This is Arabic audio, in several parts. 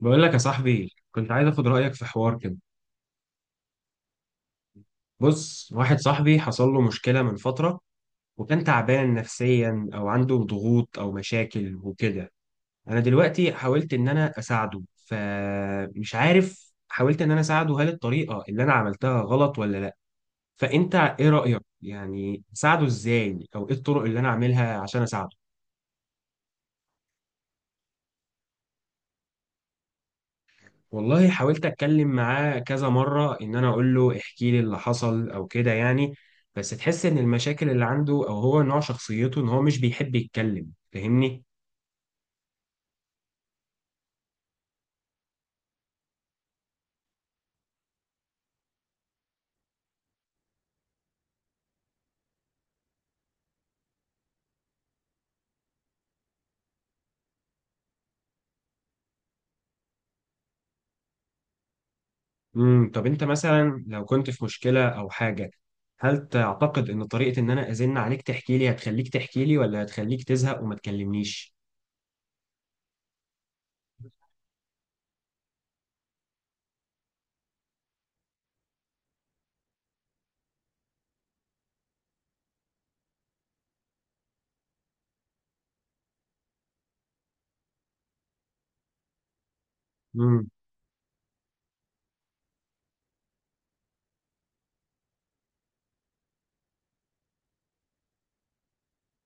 بقول لك يا صاحبي، كنت عايز اخد رايك في حوار كده. بص، واحد صاحبي حصل له مشكله من فتره، وكان تعبان نفسيا او عنده ضغوط او مشاكل وكده. انا دلوقتي حاولت ان انا اساعده، فمش عارف، حاولت ان انا اساعده، هل الطريقه اللي انا عملتها غلط ولا لا؟ فانت ايه رايك يعني؟ اساعده ازاي او ايه الطرق اللي انا اعملها عشان اساعده؟ والله حاولت اتكلم معاه كذا مره ان انا اقول له احكي لي اللي حصل او كده يعني. بس تحس ان المشاكل اللي عنده او هو نوع شخصيته ان هو مش بيحب يتكلم، فاهمني؟ طب انت مثلا لو كنت في مشكله او حاجه، هل تعتقد ان طريقه ان انا ازن عليك تحكي لي هتخليك تحكي لي، ولا هتخليك تزهق وما تكلمنيش؟ إمم.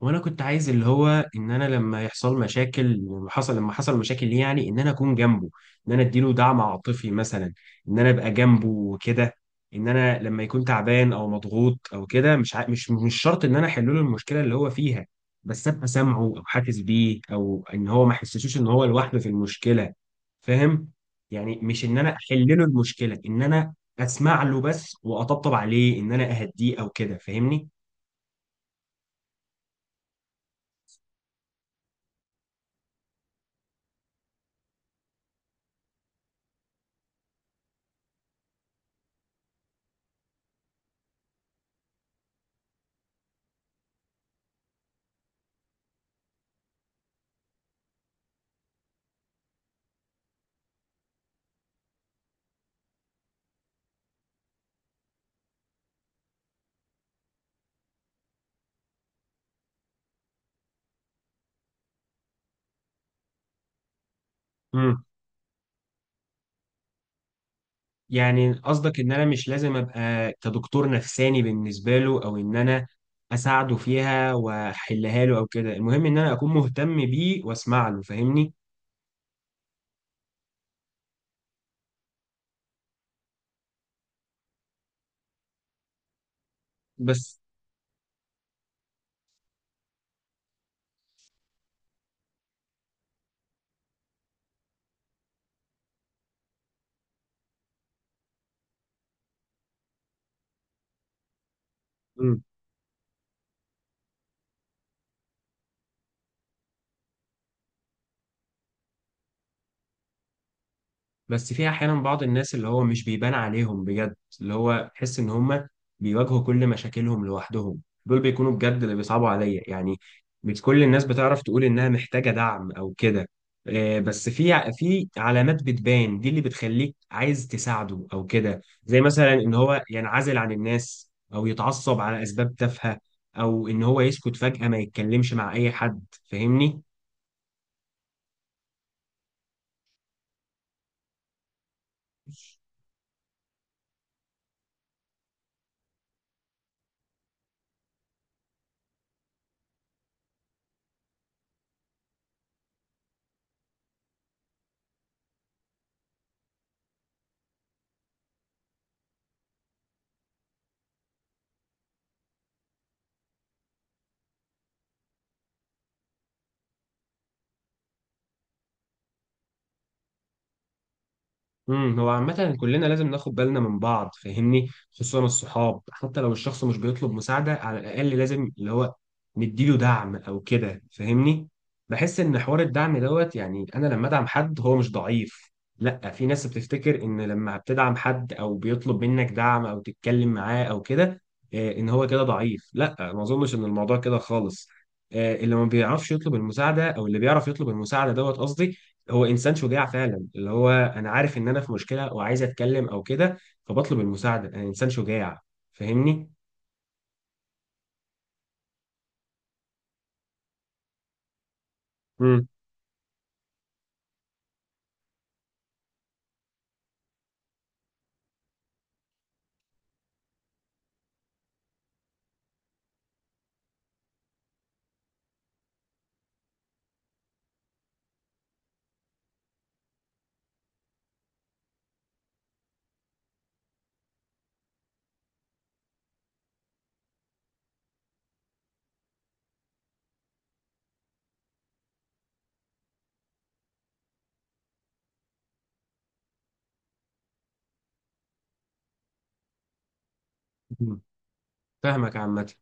وانا كنت عايز اللي هو ان انا لما يحصل مشاكل، لما حصل مشاكل ليه، يعني ان انا اكون جنبه، ان انا اديله دعم عاطفي مثلا، ان انا ابقى جنبه وكده. ان انا لما يكون تعبان او مضغوط او كده، مش عا... مش مش شرط ان انا احل له المشكله اللي هو فيها، بس ابقى سامعه او حاسس بيه، او ان هو ما يحسسوش ان هو لوحده في المشكله، فاهم؟ يعني مش ان انا احل له المشكله، ان انا اسمع له بس واطبطب عليه ان انا اهديه او كده، فاهمني؟ يعني قصدك ان انا مش لازم ابقى كدكتور نفساني بالنسبه له، او ان انا اساعده فيها واحلها له او كده، المهم ان انا اكون مهتم بيه واسمع له، فاهمني؟ بس بس في احيانا بعض الناس اللي هو مش بيبان عليهم بجد، اللي هو تحس ان هم بيواجهوا كل مشاكلهم لوحدهم، دول بيكونوا بجد اللي بيصعبوا عليا يعني. مش كل الناس بتعرف تقول انها محتاجة دعم او كده. آه، بس في في علامات بتبان، دي اللي بتخليك عايز تساعده او كده. زي مثلا ان هو ينعزل عن الناس، او يتعصب على اسباب تافهة، او ان هو يسكت فجأة ما يتكلمش مع اي حد، فاهمني؟ هو عامة كلنا لازم ناخد بالنا من بعض، فاهمني؟ خصوصا الصحاب. حتى لو الشخص مش بيطلب مساعدة، على الأقل لازم اللي هو نديله دعم أو كده، فاهمني؟ بحس إن حوار الدعم دوت، يعني أنا لما أدعم حد هو مش ضعيف. لأ، في ناس بتفتكر إن لما بتدعم حد أو بيطلب منك دعم أو تتكلم معاه أو كده، آه، إن هو كده ضعيف. لأ، ما أظنش إن الموضوع كده خالص. آه، اللي ما بيعرفش يطلب المساعدة أو اللي بيعرف يطلب المساعدة دوت قصدي، هو انسان شجاع فعلا. اللي هو انا عارف ان انا في مشكله وعايز اتكلم او كده، فبطلب المساعده، انا انسان شجاع، فاهمني؟ امم فاهمك عامه،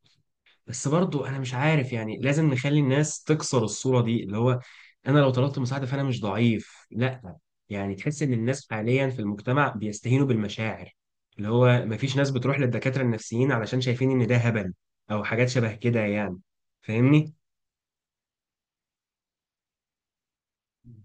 بس برضو انا مش عارف، يعني لازم نخلي الناس تكسر الصوره دي، اللي هو انا لو طلبت مساعده فانا مش ضعيف، لا. يعني تحس ان الناس حاليا في المجتمع بيستهينوا بالمشاعر، اللي هو مفيش ناس بتروح للدكاتره النفسيين علشان شايفين ان ده هبل، او حاجات شبه كده يعني، فاهمني؟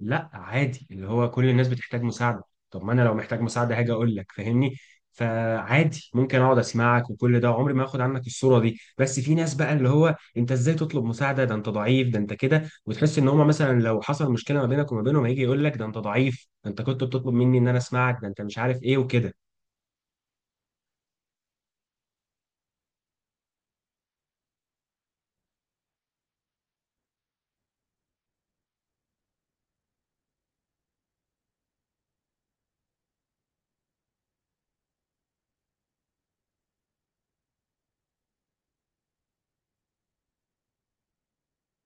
لا عادي، اللي هو كل الناس بتحتاج مساعدة. طب ما انا لو محتاج مساعدة هاجي اقول لك، فاهمني؟ فعادي ممكن اقعد اسمعك، وكل ده عمري ما اخد عنك الصورة دي. بس في ناس بقى اللي هو انت ازاي تطلب مساعدة، ده انت ضعيف، ده انت كده، وتحس ان هما مثلا لو حصل مشكلة ما بينك وما بينهم هيجي يقول لك ده انت ضعيف، ده انت كنت بتطلب مني ان انا اسمعك، ده انت مش عارف ايه وكده.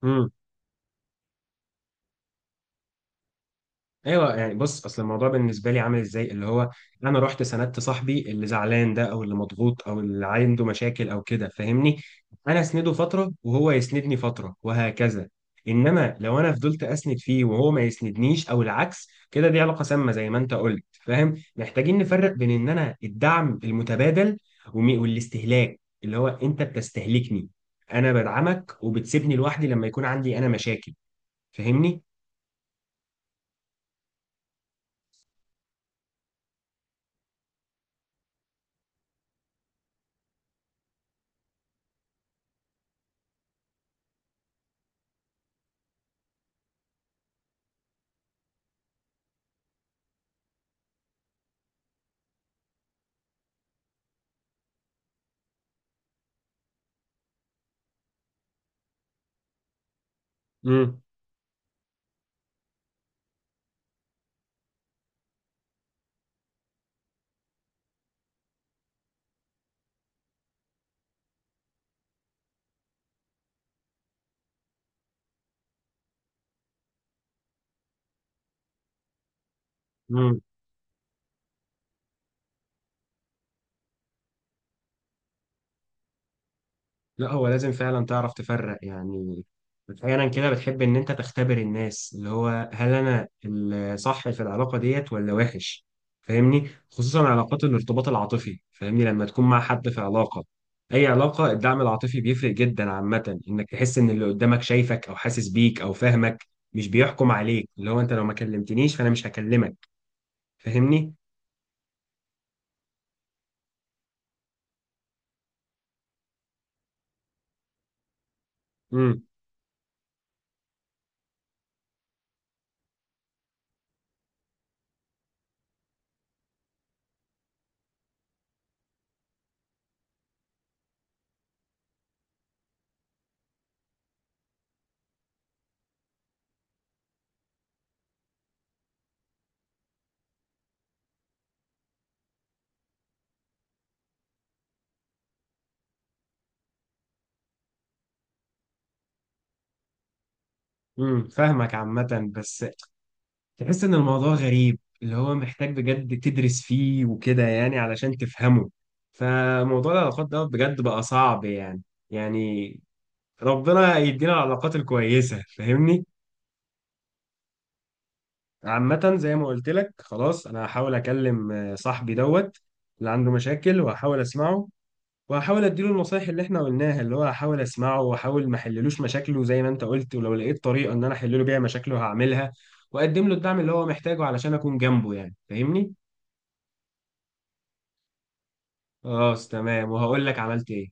امم. ايوه، يعني بص، اصل الموضوع بالنسبه لي عامل ازاي، اللي هو انا رحت سندت صاحبي اللي زعلان ده، او اللي مضغوط او اللي عنده مشاكل او كده، فاهمني؟ انا اسنده فتره وهو يسندني فتره وهكذا. انما لو انا فضلت اسند فيه وهو ما يسندنيش او العكس كده، دي علاقه سامه زي ما انت قلت، فاهم؟ محتاجين نفرق بين ان انا الدعم المتبادل والاستهلاك، اللي هو انت بتستهلكني، انا بدعمك وبتسيبني لوحدي لما يكون عندي انا مشاكل، فاهمني؟ امم، لا هو لازم فعلا تعرف تفرق يعني. احيانا كده بتحب ان انت تختبر الناس، اللي هو هل انا الصح في العلاقه ديت ولا وحش، فاهمني؟ خصوصا علاقات الارتباط العاطفي، فاهمني؟ لما تكون مع حد في علاقه، اي علاقه، الدعم العاطفي بيفرق جدا عامه. انك تحس ان اللي قدامك شايفك او حاسس بيك او فاهمك، مش بيحكم عليك، اللي هو انت لو ما كلمتنيش فانا مش هكلمك، فاهمني؟ امم امم فاهمك عامه، بس تحس ان الموضوع غريب، اللي هو محتاج بجد تدرس فيه وكده يعني علشان تفهمه. فموضوع العلاقات ده بجد بقى صعب يعني، يعني ربنا يدينا العلاقات الكويسة، فاهمني؟ عامة زي ما قلت لك، خلاص انا هحاول اكلم آه، صاحبي دوت اللي عنده مشاكل، وهحاول اسمعه، وهحاول اديله النصايح اللي احنا قلناها، اللي هو هحاول اسمعه واحاول ما احللوش مشاكله زي ما انت قلت، ولو لقيت طريقة ان انا احلله بيها مشاكله هعملها، واقدم له الدعم اللي هو محتاجه علشان اكون جنبه يعني، فاهمني؟ خلاص، تمام، وهقول لك عملت ايه.